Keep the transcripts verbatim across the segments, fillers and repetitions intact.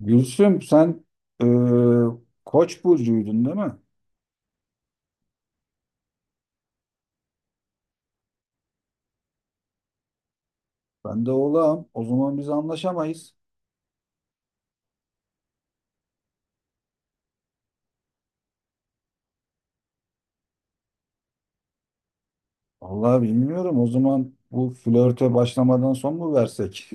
Gülsüm, sen e, Koç burcuydun değil mi? Ben de Oğlağım. O zaman biz anlaşamayız. Vallahi bilmiyorum. O zaman bu flörte başlamadan son mu versek?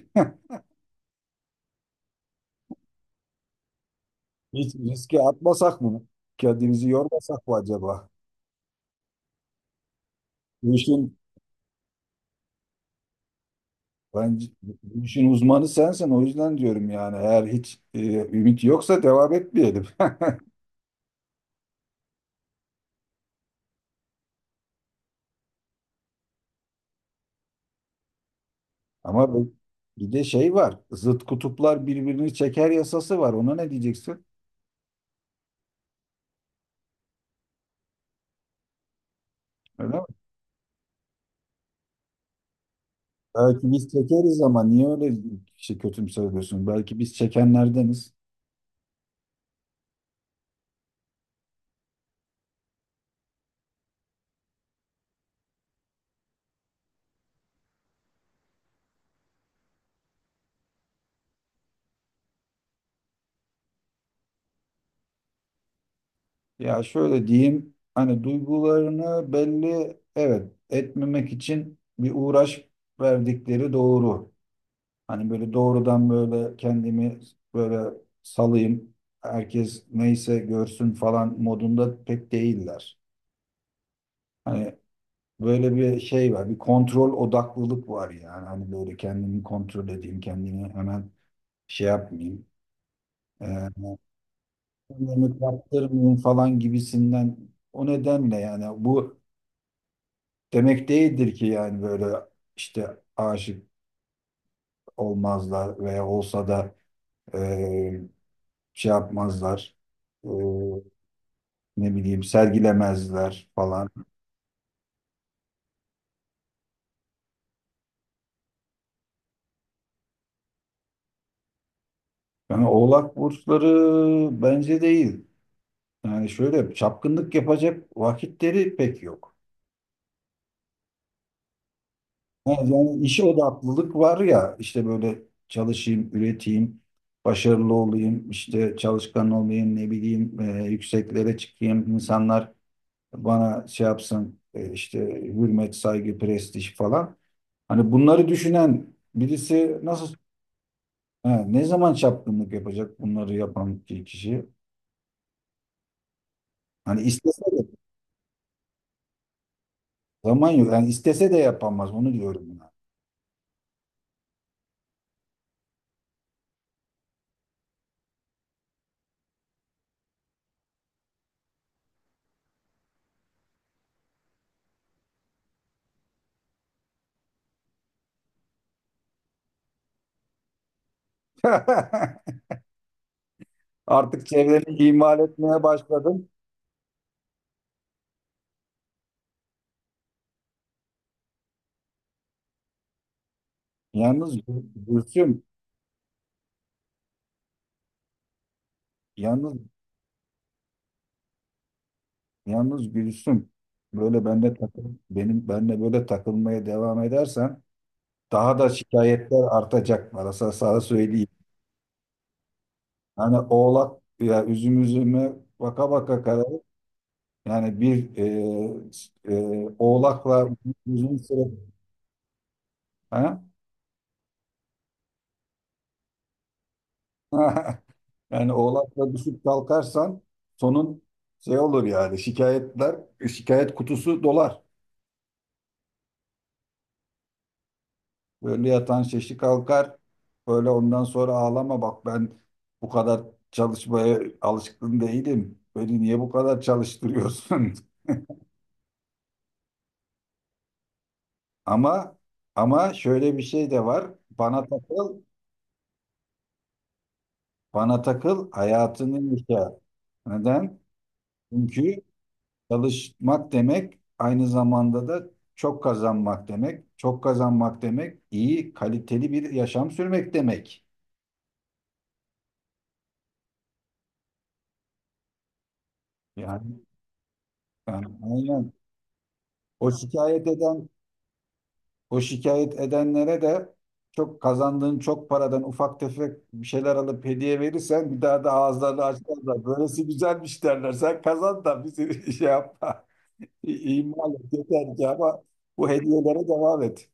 Hiç riske atmasak mı? Kendimizi yormasak mı acaba? Bu işin Bence bu işin uzmanı sensin. O yüzden diyorum yani eğer hiç e, ümit yoksa devam etmeyelim. Ama bu- Bir de şey var. Zıt kutuplar birbirini çeker yasası var. Ona ne diyeceksin? Öyle Belki biz çekeriz ama niye öyle şey kötümseriyorsun? Belki biz çekenlerdeniz. Ya şöyle diyeyim, hani duygularını belli, evet, etmemek için bir uğraş verdikleri doğru. Hani böyle doğrudan böyle kendimi böyle salayım, herkes neyse görsün falan modunda pek değiller. Hani böyle bir şey var, bir kontrol odaklılık var yani. Hani böyle kendimi kontrol edeyim, kendimi hemen şey yapmayayım. Ee, Kendimi kaptırmayayım falan gibisinden o nedenle yani bu demek değildir ki yani böyle işte aşık olmazlar veya olsa da e, şey yapmazlar. E, Ne bileyim sergilemezler falan. Yani Oğlak burçları bence değil. Yani şöyle çapkınlık yapacak vakitleri pek yok. Ha, yani işe odaklılık var ya işte böyle çalışayım, üreteyim, başarılı olayım, işte çalışkan olayım, ne bileyim e, yükseklere çıkayım, insanlar bana şey yapsın, e, işte hürmet, saygı, prestij falan. Hani bunları düşünen birisi nasıl, ha, ne zaman çapkınlık yapacak bunları yapan ki- kişi? Hani istese de zaman yok. Yani istese de yapamaz onu diyorum buna. Artık çevreni ihmal etmeye başladım. Yalnız Gül- Gülsüm, yalnız yalnız Gülsüm, böyle bende takıl, benim benle böyle takılmaya devam edersen daha da şikayetler artacak bana, sana, sana söyleyeyim. Yani oğlak ya, üzüm üzüme baka baka kararır. Yani bir e, e, oğlakla uzun süre, ha? Yani oğlakla düşüp kalkarsan sonun şey olur yani şikayetler, şikayet kutusu dolar. Böyle yatan şeşi kalkar. Böyle ondan sonra ağlama bak, ben bu kadar çalışmaya alışkın değilim. Beni niye bu kadar çalıştırıyorsun? Ama ama şöyle bir şey de var. Bana takıl, bana takıl, hayatını yaşa. Neden? Çünkü çalışmak demek aynı zamanda da çok kazanmak demek. Çok kazanmak demek iyi, kaliteli bir yaşam sürmek demek. Yani, yani aynen. O şikayet eden O şikayet edenlere de çok kazandığın çok paradan ufak tefek bir şeyler alıp hediye verirsen bir daha da ağızlarını açmazlar. Böylesi güzelmiş derler. Sen kazan da bizi şey yapma. İ- İhmal et yeter ki ama bu hediyelere devam et.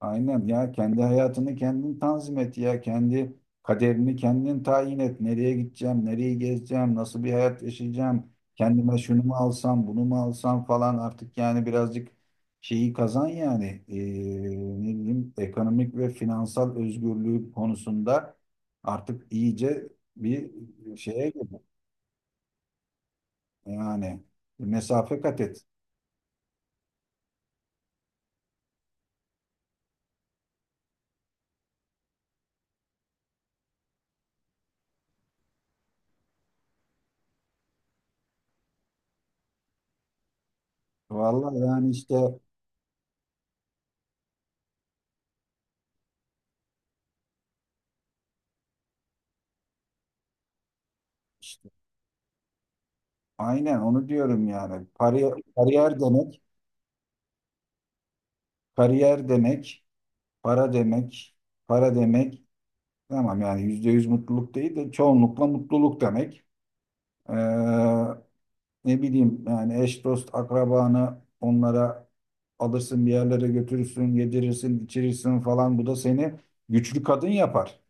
Aynen, ya kendi hayatını kendin tanzim et, ya kendi kaderini kendin tayin et. Nereye gideceğim, nereyi gezeceğim, nasıl bir hayat yaşayacağım, kendime şunu mu alsam, bunu mu alsam falan, artık yani birazcık şeyi kazan yani eee, ne bileyim, ekonomik ve finansal özgürlüğü konusunda artık iyice bir şeye gir. Yani mesafe kat et. Vallahi yani işte, işte aynen onu diyorum yani. Kariyer, kariyer demek Kariyer demek, para demek, para demek tamam yani yüzde yüz mutluluk değil de çoğunlukla mutluluk demek. Ee, Ne bileyim yani eş dost akrabanı onlara alırsın, bir yerlere götürürsün, yedirirsin, içirirsin falan, bu da seni güçlü kadın yapar.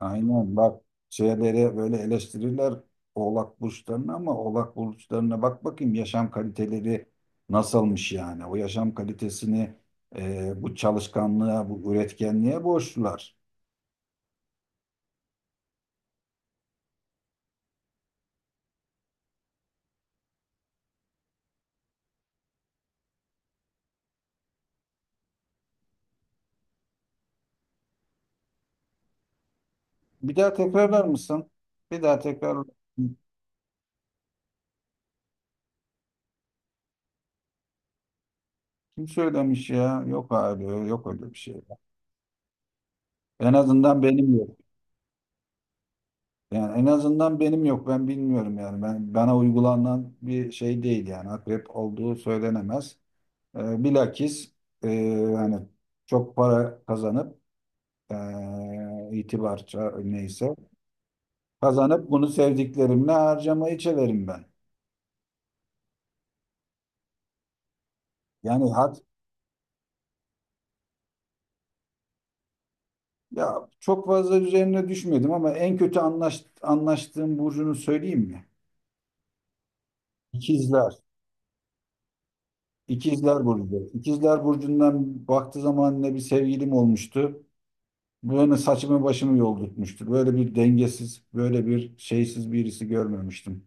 Aynen bak, şeyleri böyle eleştirirler oğlak burçlarını ama oğlak burçlarına bak bakayım yaşam kaliteleri nasılmış yani. O yaşam kalitesini e, bu çalışkanlığa, bu üretkenliğe borçlular. Bir daha tekrarlar mısın? Bir daha tekrar. Kim söylemiş ya? Yok abi, yok öyle bir şey. En azından benim yok. Yani en azından benim yok. Ben bilmiyorum yani. Ben, bana uygulanan bir şey değil yani. Akrep olduğu söylenemez. E, bilakis, e, hani çok para kazanıp, e, itibarça neyse kazanıp bunu sevdiklerimle harcamayı çeverim ben. Yani hat Ya çok fazla üzerine düşmedim ama en kötü anlaş, anlaştığım burcunu söyleyeyim mi? İkizler. İkizler burcu. İkizler burcundan baktığı zaman ne bir sevgilim olmuştu. Böyle saçımı başımı yoldurtmuştu. Böyle bir dengesiz, böyle bir şeysiz birisi görmemiştim.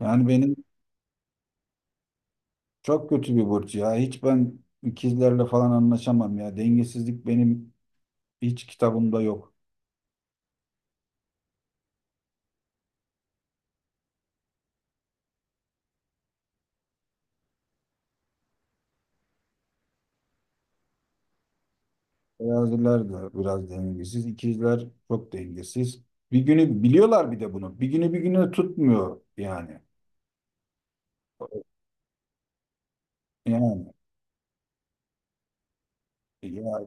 Yani benim Çok kötü bir burç ya. Hiç ben ikizlerle falan anlaşamam ya. Dengesizlik benim hiç kitabımda yok. Teraziler de biraz dengesiz. İkizler çok dengesiz. Bir günü biliyorlar bir de bunu. Bir günü bir günü tutmuyor yani. Yani ya,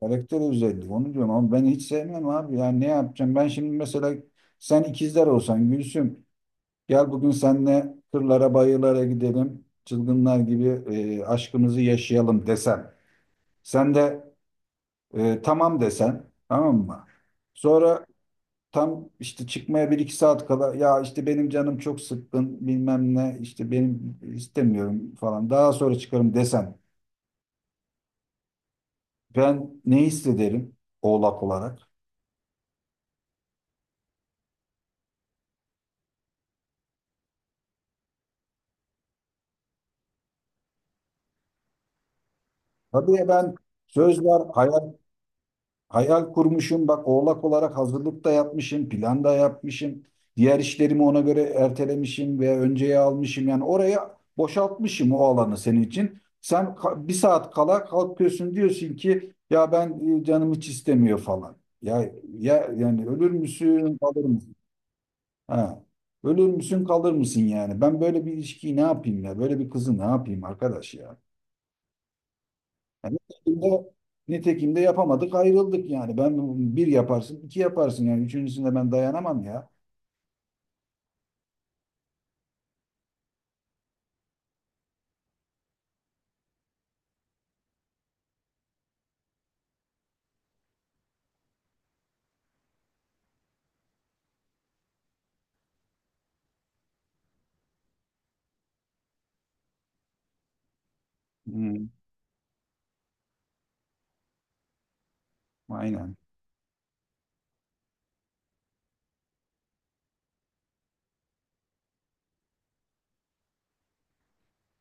karakter özelliği onu diyorum ama ben hiç sevmem abi. Yani ne yapacağım? Ben şimdi mesela sen ikizler olsan Gülsüm, gel bugün seninle kırlara bayırlara gidelim. Çılgınlar gibi e, aşkımızı yaşayalım desem. Sen de E, tamam desen, tamam mı? Sonra tam işte çıkmaya bir iki saat kala ya işte benim canım çok sıkkın, bilmem ne, işte benim istemiyorum falan, daha sonra çıkarım desen ben ne hissederim oğlak olarak? Tabii ya ben söz var hayal hayal kurmuşum bak, oğlak olarak hazırlık da yapmışım, plan da yapmışım. Diğer işlerimi ona göre ertelemişim veya önceye almışım. Yani oraya boşaltmışım o alanı senin için. Sen ka- bir saat kala kalkıyorsun, diyorsun ki ya ben e, canım hiç istemiyor falan. Ya, ya yani ölür müsün, kalır mısın? Ha. Ölür müsün, kalır mısın yani? Ben böyle bir ilişkiyi ne yapayım ya? Böyle bir kızı ne yapayım arkadaş ya? Yani nitekim de, nitekim de yapamadık, ayrıldık yani. Ben bir yaparsın, iki yaparsın yani. Üçüncüsünde ben dayanamam ya. Hmm, aynen.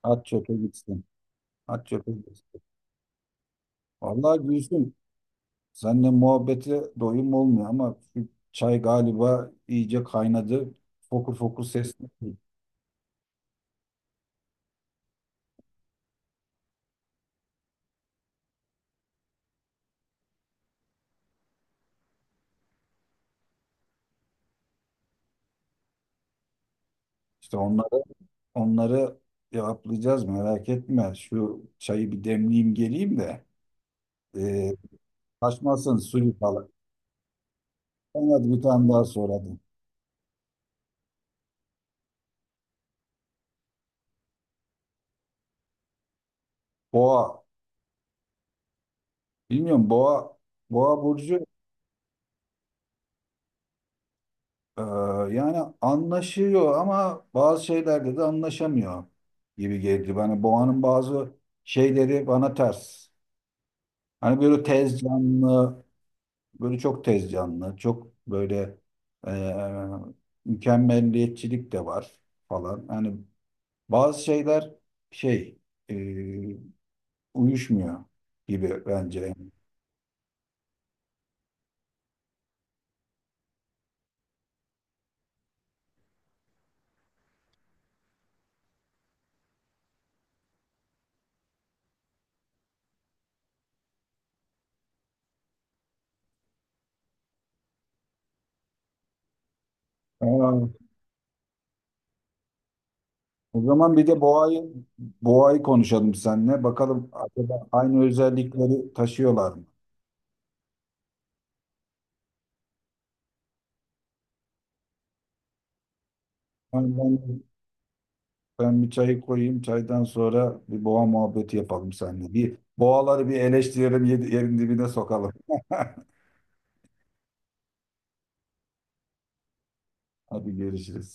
At, çöpe gitsin. At, çöpe gitsin. Vallahi Gülsüm, seninle muhabbete doyum olmuyor ama şu çay galiba iyice kaynadı. Fokur fokur ses. İşte onları Onları cevaplayacağız, merak etme. Şu çayı bir demleyeyim geleyim de. E, kaçmasın suyu falan. Ben hadi, bir tane daha soralım. Boğa Bilmiyorum, boğa boğa burcu, e, yani anlaşıyor ama bazı şeylerde de anlaşamıyor gibi geldi bana. Boğanın bazı şeyleri bana ters. Hani böyle tez canlı, böyle çok tez canlı, çok böyle, e, mükemmelliyetçilik de var falan. Hani bazı şeyler şey, e, uyuşmuyor gibi bence. Aa, o zaman bir de boğayı boğayı konuşalım seninle. Bakalım acaba aynı özellikleri taşıyorlar mı? Yani ben, Ben bir çayı koyayım. Çaydan sonra bir boğa muhabbeti yapalım seninle. Bir boğaları bir eleştirelim, yedi- yerin dibine sokalım. Hadi görüşürüz.